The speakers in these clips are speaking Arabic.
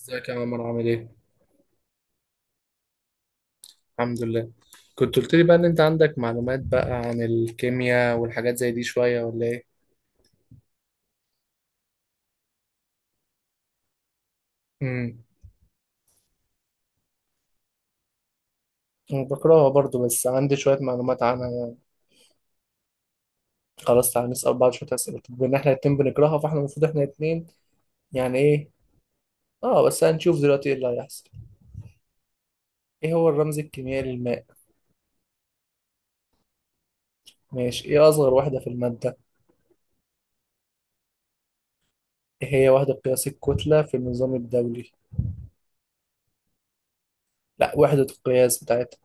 ازيك يا عمر عامل ايه؟ الحمد لله. كنت قلت لي بقى ان انت عندك معلومات بقى عن الكيمياء والحاجات زي دي شوية ولا ايه؟ امم. أنا بكرهها برضو، بس عندي شوية معلومات عنها. خلاص تعالى نسأل بعض شوية أسئلة، بما إن إحنا الاتنين بنكرهها فإحنا المفروض إحنا الاتنين يعني إيه. آه، بس هنشوف دلوقتي إيه اللي هيحصل. إيه هو الرمز الكيميائي للماء؟ ماشي. إيه أصغر وحدة في المادة؟ إيه هي وحدة قياس الكتلة في النظام الدولي؟ لأ، وحدة القياس بتاعتها.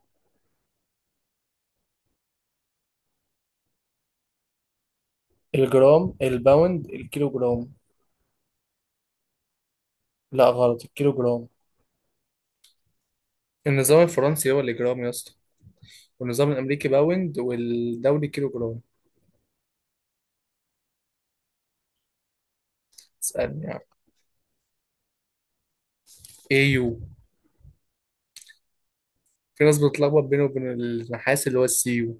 الجرام، الباوند، الكيلو جرام. لأ غلط، الكيلو جرام. النظام الفرنسي هو اللي جرام يا اسطى، والنظام الامريكي باوند والدولي كيلو جرام. اسالني يعني. ايه يو. في ناس بتتلخبط بينه وبين النحاس اللي هو السي يو.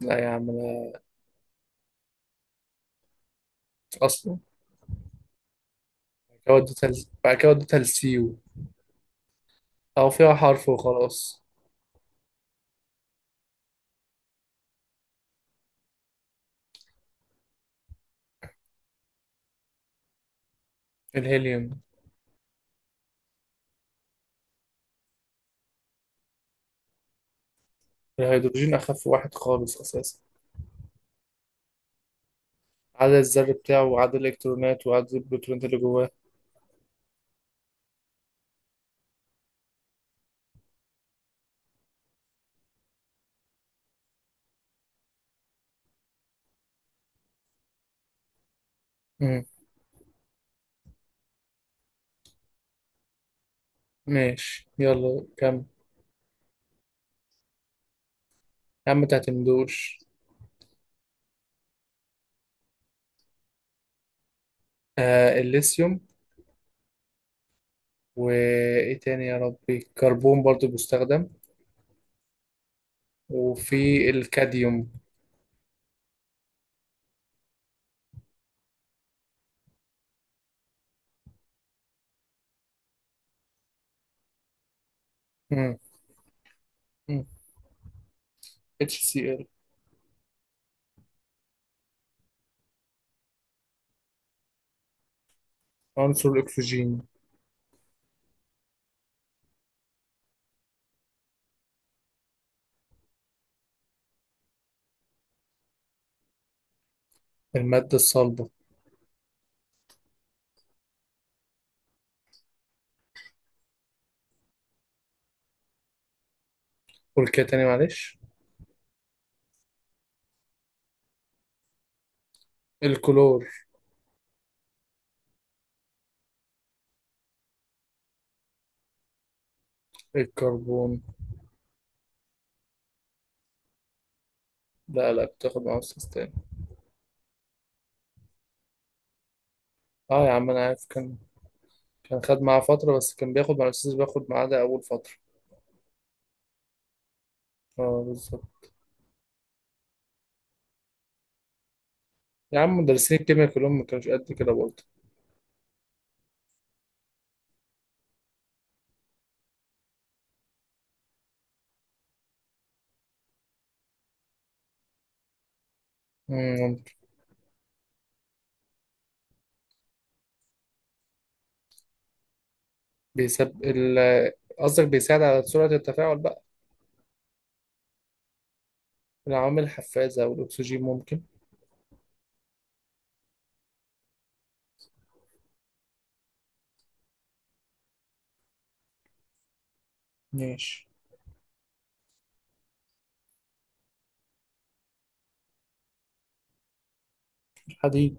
لا يا عم انا. اصلا. بعد كده وديتها للسي يو. او فيها حرف وخلاص. الهيليوم. الهيدروجين اخف واحد خالص اساسا. عدد الذر بتاعه وعدد الالكترونات وعدد البروتونات اللي جواه. مم. ماشي، يلا كمل. يا عم متعتمدوش. آه، الليثيوم. وايه تاني يا ربي، كربون برضو بيستخدم. وفي الكاديوم. مم. مم. HCl. عنصر الأكسجين. المادة الصلبة. قول كده تاني معلش. الكلور. الكربون. لا، لا، بتاخد مع أستاذ تاني. اه يا عم أنا عارف كان. كان خد معاه فترة بس كان بياخد مع الأستاذ اللي بياخد معاه ده أول فترة. اه بالظبط. يا عم مدرسين الكيمياء كلهم ما كانوش قد كده برضه. مم. بيسب ال قصدك بيساعد على سرعة التفاعل بقى. العوامل الحفازة والأكسجين ممكن. ماشي. الحديد.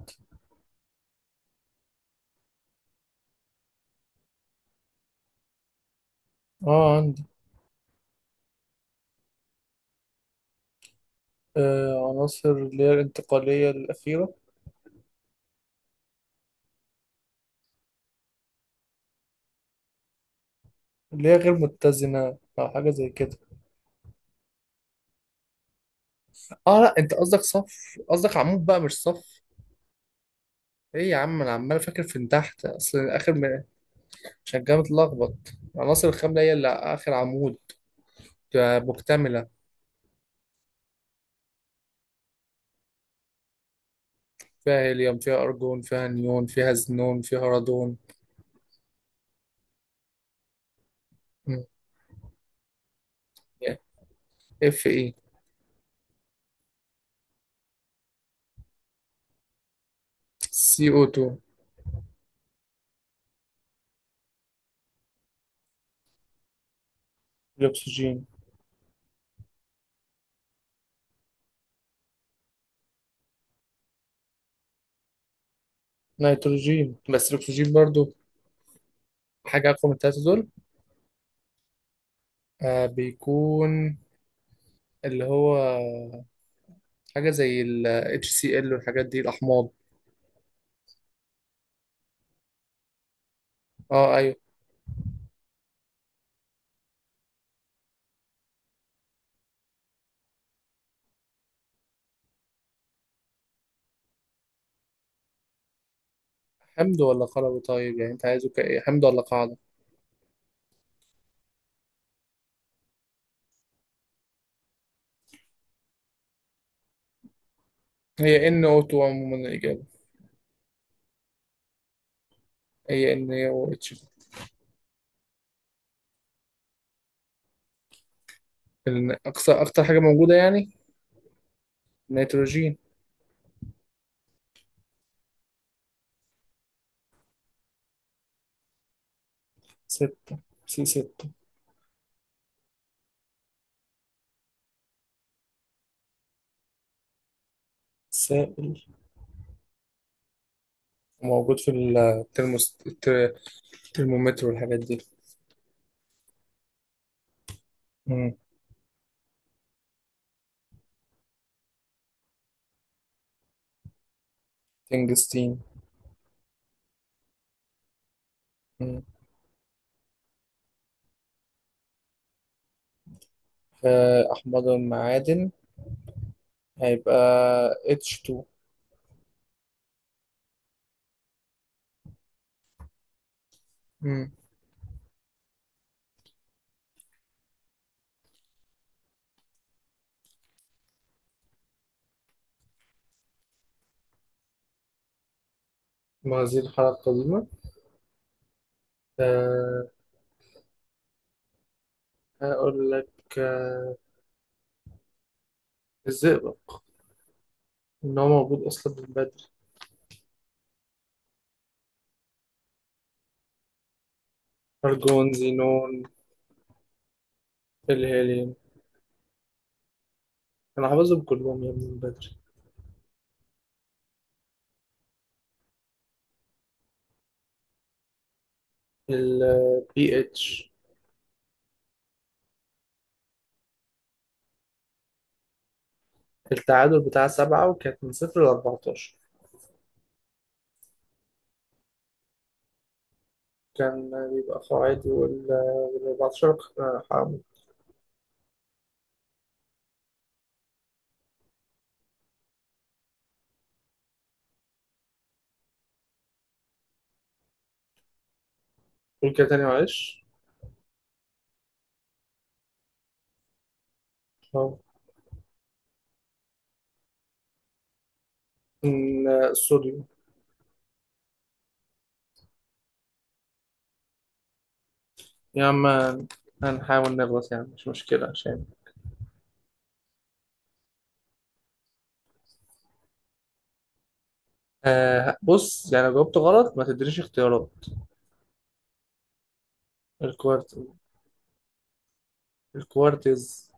اه عندي. آه، عناصر اللي هي الانتقالية الأخيرة. اللي هي غير متزنة أو حاجة زي كده. اه لا، انت قصدك صف. قصدك عمود بقى مش صف. ايه يا عم، انا عمال فاكر في من تحت، عشان كده متلخبط. العناصر الخاملة هي اللي اخر عمود. آه، مكتملة. فيها هيليوم فيها ارجون فيها نيون فيها زنون فيها رادون. مم. اف ايه. سي او 2. الاكسجين. نيتروجين بس الاكسجين برضو. حاجة اقوى من التلاتة دول. آه، بيكون، اللي هو، حاجة زي ال HCl والحاجات دي، الأحماض. اه أيوه. حمض ولا قلوي؟ طيب يعني أنت عايزه كإيه، حمض ولا قاعدة؟ هي NO2 عموما الإجابة. هي NaOH. أكتر حاجة موجودة يعني. نيتروجين. ستة. سي 6. سائل. موجود في الترموس الترمومتر والحاجات دي. مم. تنجستين. مم. آه، أحماض المعادن هيبقى H2. مم. مغازيل الحرارة القديمة. أه. هقول لك. الزئبق. إن هو موجود أصلا من بدري. أرجون زينون. الهيليوم. أنا حافظهم كلهم يا ابني من بدري. ال pH. التعادل بتاع 7، وكانت من 0 لـ14. كان بيبقى قاعدي و14 حامل. قول كده تاني معلش. أه. الصوديوم. يا عم. هنحاول نغلط يعني مش مشكلة عشان. آه، بص يعني لو جاوبت غلط ما تدريش اختيارات. الكوارت الكوارتز.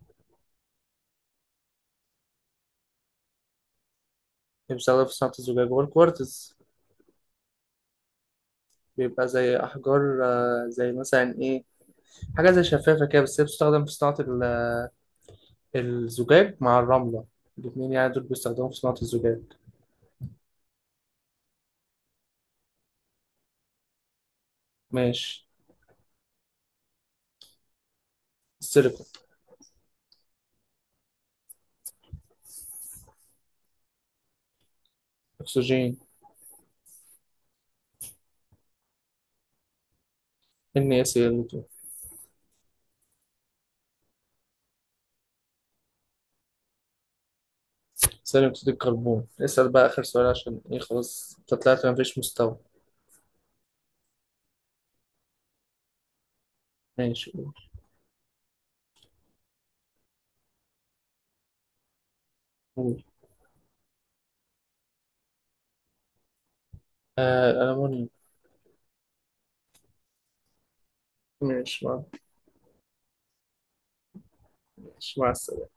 اللي بيستخدم في صناعة الزجاج هو الكوارتز. بيبقى زي أحجار، زي مثلا إيه، حاجة زي شفافة كده، بس هي بتستخدم في صناعة الزجاج مع الرملة. الاتنين يعني دول بيستخدموا في صناعة الزجاج. ماشي. السيليكون. أكسجين. NaCl2. ثاني أكسيد الكربون. اسأل بقى آخر سؤال عشان إيه، خلاص أنت طلعت مفيش مستوى. ماشي قول. قول. آه، الألمونيوم. ماشي مع ماشي مع السلامة.